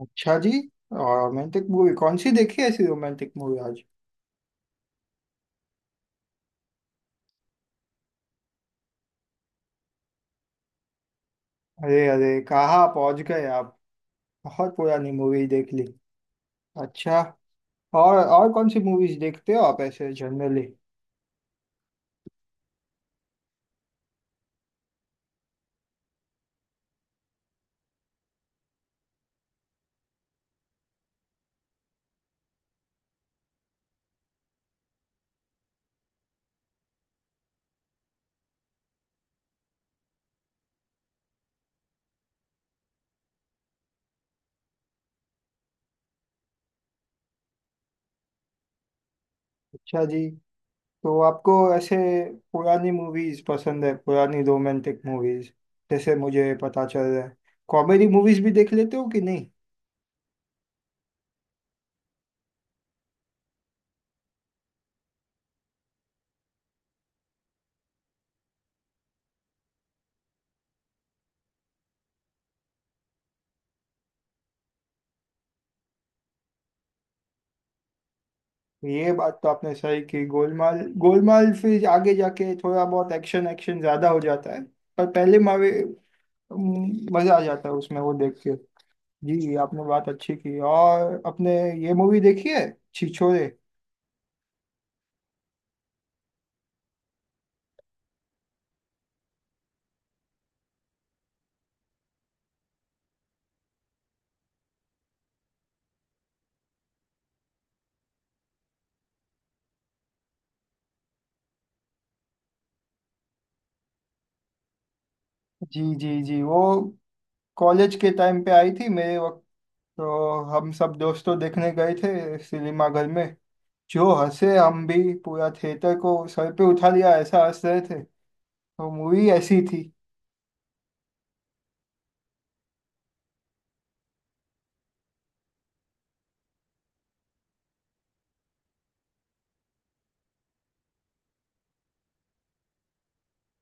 अच्छा जी। Romantic movie कौन सी देखी, ऐसी रोमांटिक मूवी आज? अरे अरे, कहाँ पहुंच गए आप। बहुत पुरानी मूवी देख ली। अच्छा। और कौन सी मूवीज देखते हो आप ऐसे जनरली? अच्छा जी। तो आपको ऐसे पुरानी मूवीज पसंद है, पुरानी रोमांटिक मूवीज, जैसे मुझे पता चल रहा है। कॉमेडी मूवीज भी देख लेते हो कि नहीं? ये बात तो आपने सही की, गोलमाल। गोलमाल फिर आगे जाके थोड़ा बहुत एक्शन, एक्शन ज्यादा हो जाता है। पर पहले मजा आ जाता है उसमें वो देख के। जी जी, आपने बात अच्छी की। और अपने ये मूवी देखी है, छिछोरे? जी जी जी, वो कॉलेज के टाइम पे आई थी मेरे वक्त। तो हम सब दोस्तों देखने गए थे सिनेमा घर में। जो हंसे, हम भी पूरा थिएटर को सर पे उठा लिया, ऐसा हंस रहे थे। तो मूवी ऐसी थी।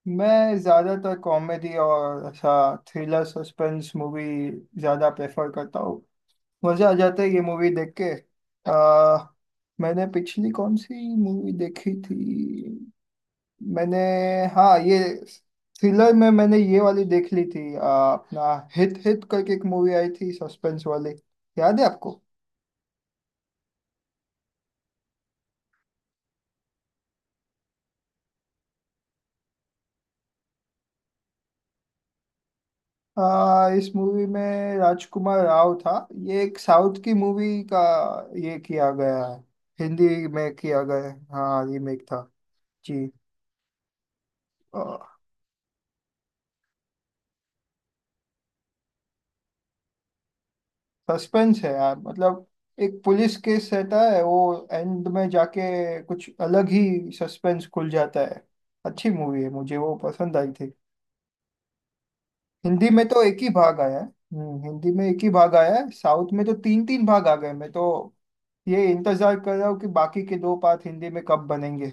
मैं ज़्यादातर कॉमेडी और ऐसा थ्रिलर सस्पेंस मूवी ज़्यादा प्रेफर करता हूँ। मजा आ जाता है ये मूवी देख के। आ, मैंने पिछली कौन सी मूवी देखी थी? मैंने, हाँ ये, थ्रिलर में मैंने ये वाली देख ली थी। अपना हिट हिट करके एक मूवी आई थी सस्पेंस वाली, याद है आपको? इस मूवी में राजकुमार राव था। ये एक साउथ की मूवी का ये किया गया है, हिंदी में किया गया है। हाँ, रीमेक था। जी। सस्पेंस है यार। मतलब एक पुलिस केस रहता है, वो एंड में जाके कुछ अलग ही सस्पेंस खुल जाता है। अच्छी मूवी है, मुझे वो पसंद आई थी। हिंदी में तो एक ही भाग आया है। हिंदी में एक ही भाग आया है, साउथ में तो तीन तीन भाग आ गए। मैं तो ये इंतजार कर रहा हूँ कि बाकी के दो पार्ट हिंदी में कब बनेंगे।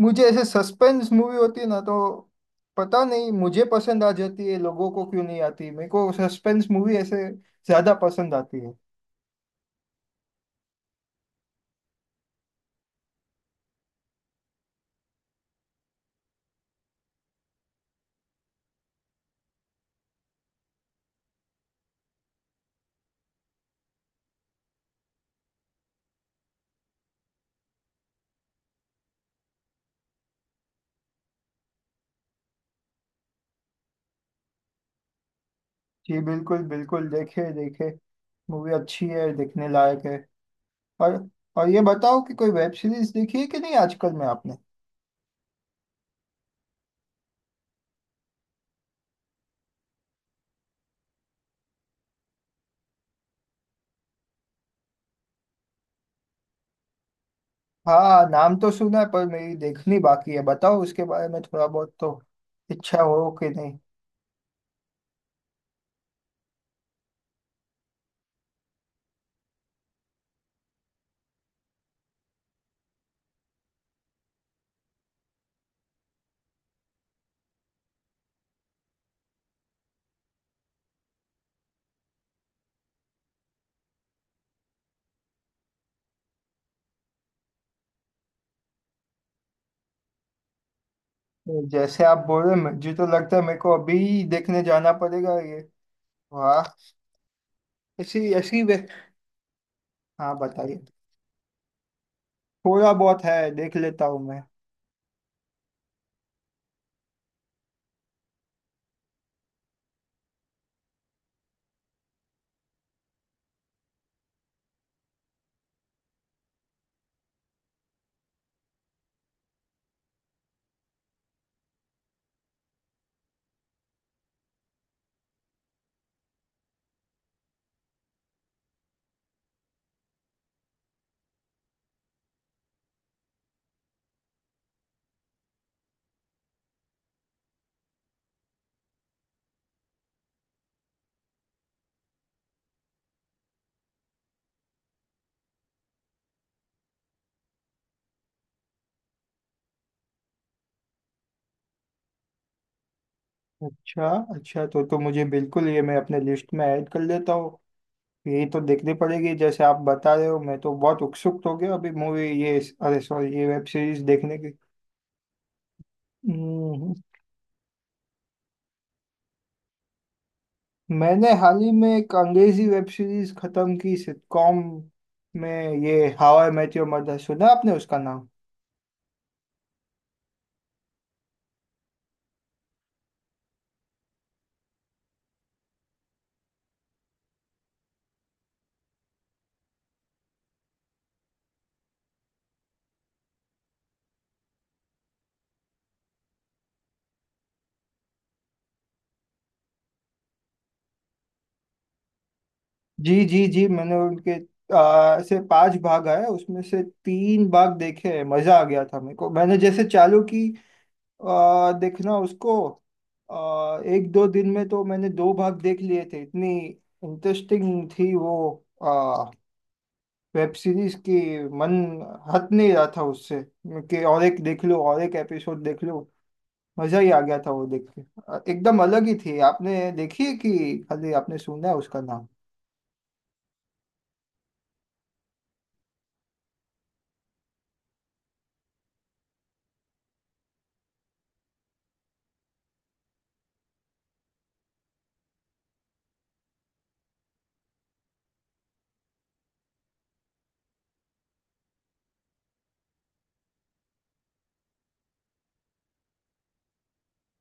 मुझे ऐसे सस्पेंस मूवी होती है ना, तो पता नहीं मुझे पसंद आ जाती है, लोगों को क्यों नहीं आती। मेरे को सस्पेंस मूवी ऐसे ज्यादा पसंद आती है। जी, बिल्कुल बिल्कुल, देखे देखे। मूवी अच्छी है, देखने लायक है। और और ये बताओ कि कोई वेब सीरीज देखी है कि नहीं आजकल में आपने? हाँ, नाम तो सुना है पर मेरी देखनी बाकी है। बताओ उसके बारे में थोड़ा बहुत तो, इच्छा हो कि नहीं। जैसे आप बोल रहे हैं, मुझे तो लगता है मेरे को अभी देखने जाना पड़ेगा ये। वाह। ऐसी ऐसी वे हाँ बताइए। थोड़ा बहुत है, देख लेता हूँ मैं। अच्छा अच्छा। तो मुझे बिल्कुल ये मैं अपने लिस्ट में ऐड कर लेता हूँ। यही तो देखनी पड़ेगी, जैसे आप बता रहे हो। मैं तो बहुत उत्सुक हो गया अभी मूवी, ये अरे सॉरी, ये वेब सीरीज देखने की। हम्म, मैंने हाल ही में एक अंग्रेजी वेब सीरीज खत्म की, सिटकॉम में। ये How I Met Your Mother, सुना आपने उसका नाम? जी जी जी। मैंने उनके से पांच भाग आए उसमें से तीन भाग देखे हैं। मजा आ गया था मेरे को, मैंने जैसे चालू की देखना उसको। एक दो दिन में तो मैंने दो भाग देख लिए थे, इतनी इंटरेस्टिंग थी वो आ, वेब सीरीज की। मन हट नहीं रहा था उससे कि और एक देख लो, और एक एपिसोड देख लो। मजा ही आ गया था वो देख के। एकदम अलग ही थी। आपने देखी है कि खाली आपने सुना है उसका नाम?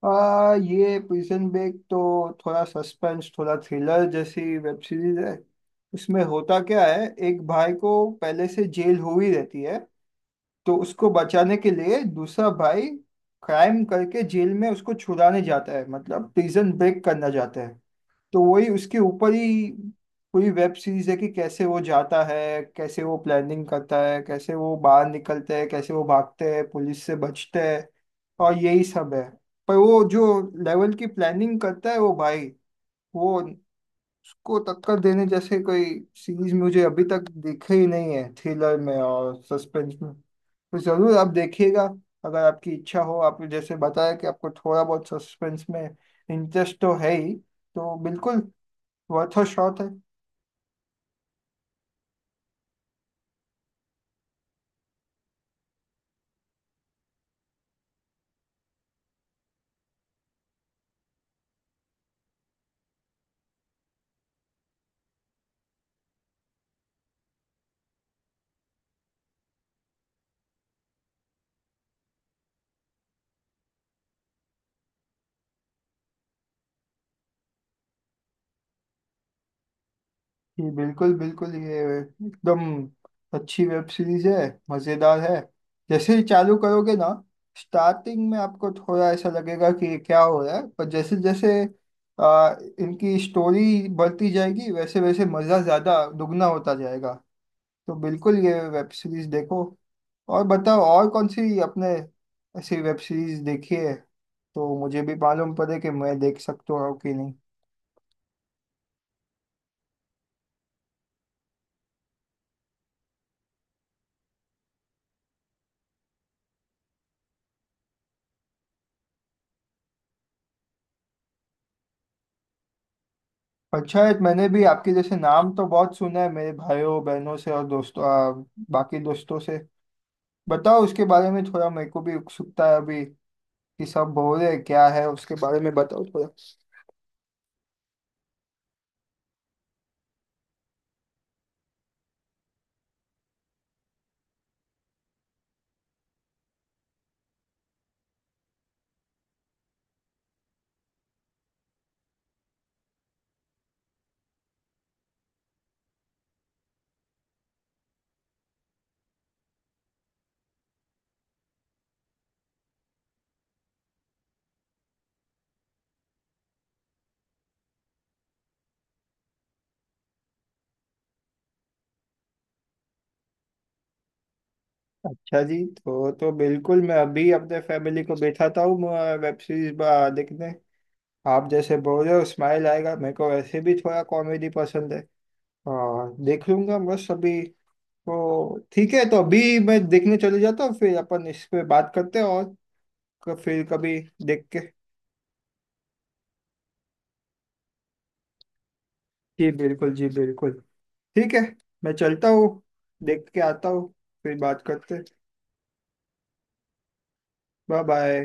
ये प्रिजन ब्रेक तो थोड़ा सस्पेंस, थोड़ा थ्रिलर जैसी वेब सीरीज है। उसमें होता क्या है, एक भाई को पहले से जेल हो ही रहती है। तो उसको बचाने के लिए दूसरा भाई क्राइम करके जेल में उसको छुड़ाने जाता है, मतलब प्रिजन ब्रेक करना चाहता है। तो वही उसके ऊपर ही पूरी वेब सीरीज है, कि कैसे वो जाता है, कैसे वो प्लानिंग करता है, कैसे वो बाहर निकलते हैं, कैसे वो भागते हैं पुलिस से बचते हैं, और यही सब है। पर वो जो लेवल की प्लानिंग करता है वो भाई, वो उसको टक्कर देने जैसे कोई सीरीज मुझे अभी तक दिखे ही नहीं है। थ्रिलर में और सस्पेंस में तो जरूर आप देखिएगा, अगर आपकी इच्छा हो। आप जैसे बताया कि आपको थोड़ा बहुत सस्पेंस में इंटरेस्ट तो है ही, तो बिल्कुल वर्थ अ शॉट है। जी बिल्कुल बिल्कुल। ये एकदम अच्छी वेब सीरीज है, मज़ेदार है। जैसे ही चालू करोगे ना, स्टार्टिंग में आपको थोड़ा ऐसा लगेगा कि ये क्या हो रहा है, पर जैसे जैसे इनकी स्टोरी बढ़ती जाएगी वैसे वैसे मज़ा ज़्यादा दुगना होता जाएगा। तो बिल्कुल ये वेब सीरीज देखो। और बताओ, और कौन सी अपने ऐसी वेब सीरीज देखी है तो मुझे भी मालूम पड़े कि मैं देख सकता हूँ कि नहीं? अच्छा है। मैंने भी आपके जैसे नाम तो बहुत सुना है मेरे भाइयों बहनों से और दोस्तों, बाकी दोस्तों से। बताओ उसके बारे में थोड़ा, मेरे को भी उत्सुकता है अभी कि सब बोल रहे हैं, क्या है उसके बारे में बताओ थोड़ा। अच्छा जी। तो बिल्कुल मैं अभी अपने फैमिली को बैठाता हूँ वेब सीरीज देखने। आप जैसे बोल रहे हो स्माइल आएगा मेरे को, वैसे भी थोड़ा कॉमेडी पसंद है, और देख लूंगा बस अभी। तो ठीक है, तो अभी मैं देखने चले जाता हूँ, फिर अपन इस पे बात करते हैं। और फिर कभी देख के। जी बिल्कुल, जी बिल्कुल। ठीक है। मैं चलता हूँ, देख के आता हूँ फिर बात करते। Bye bye.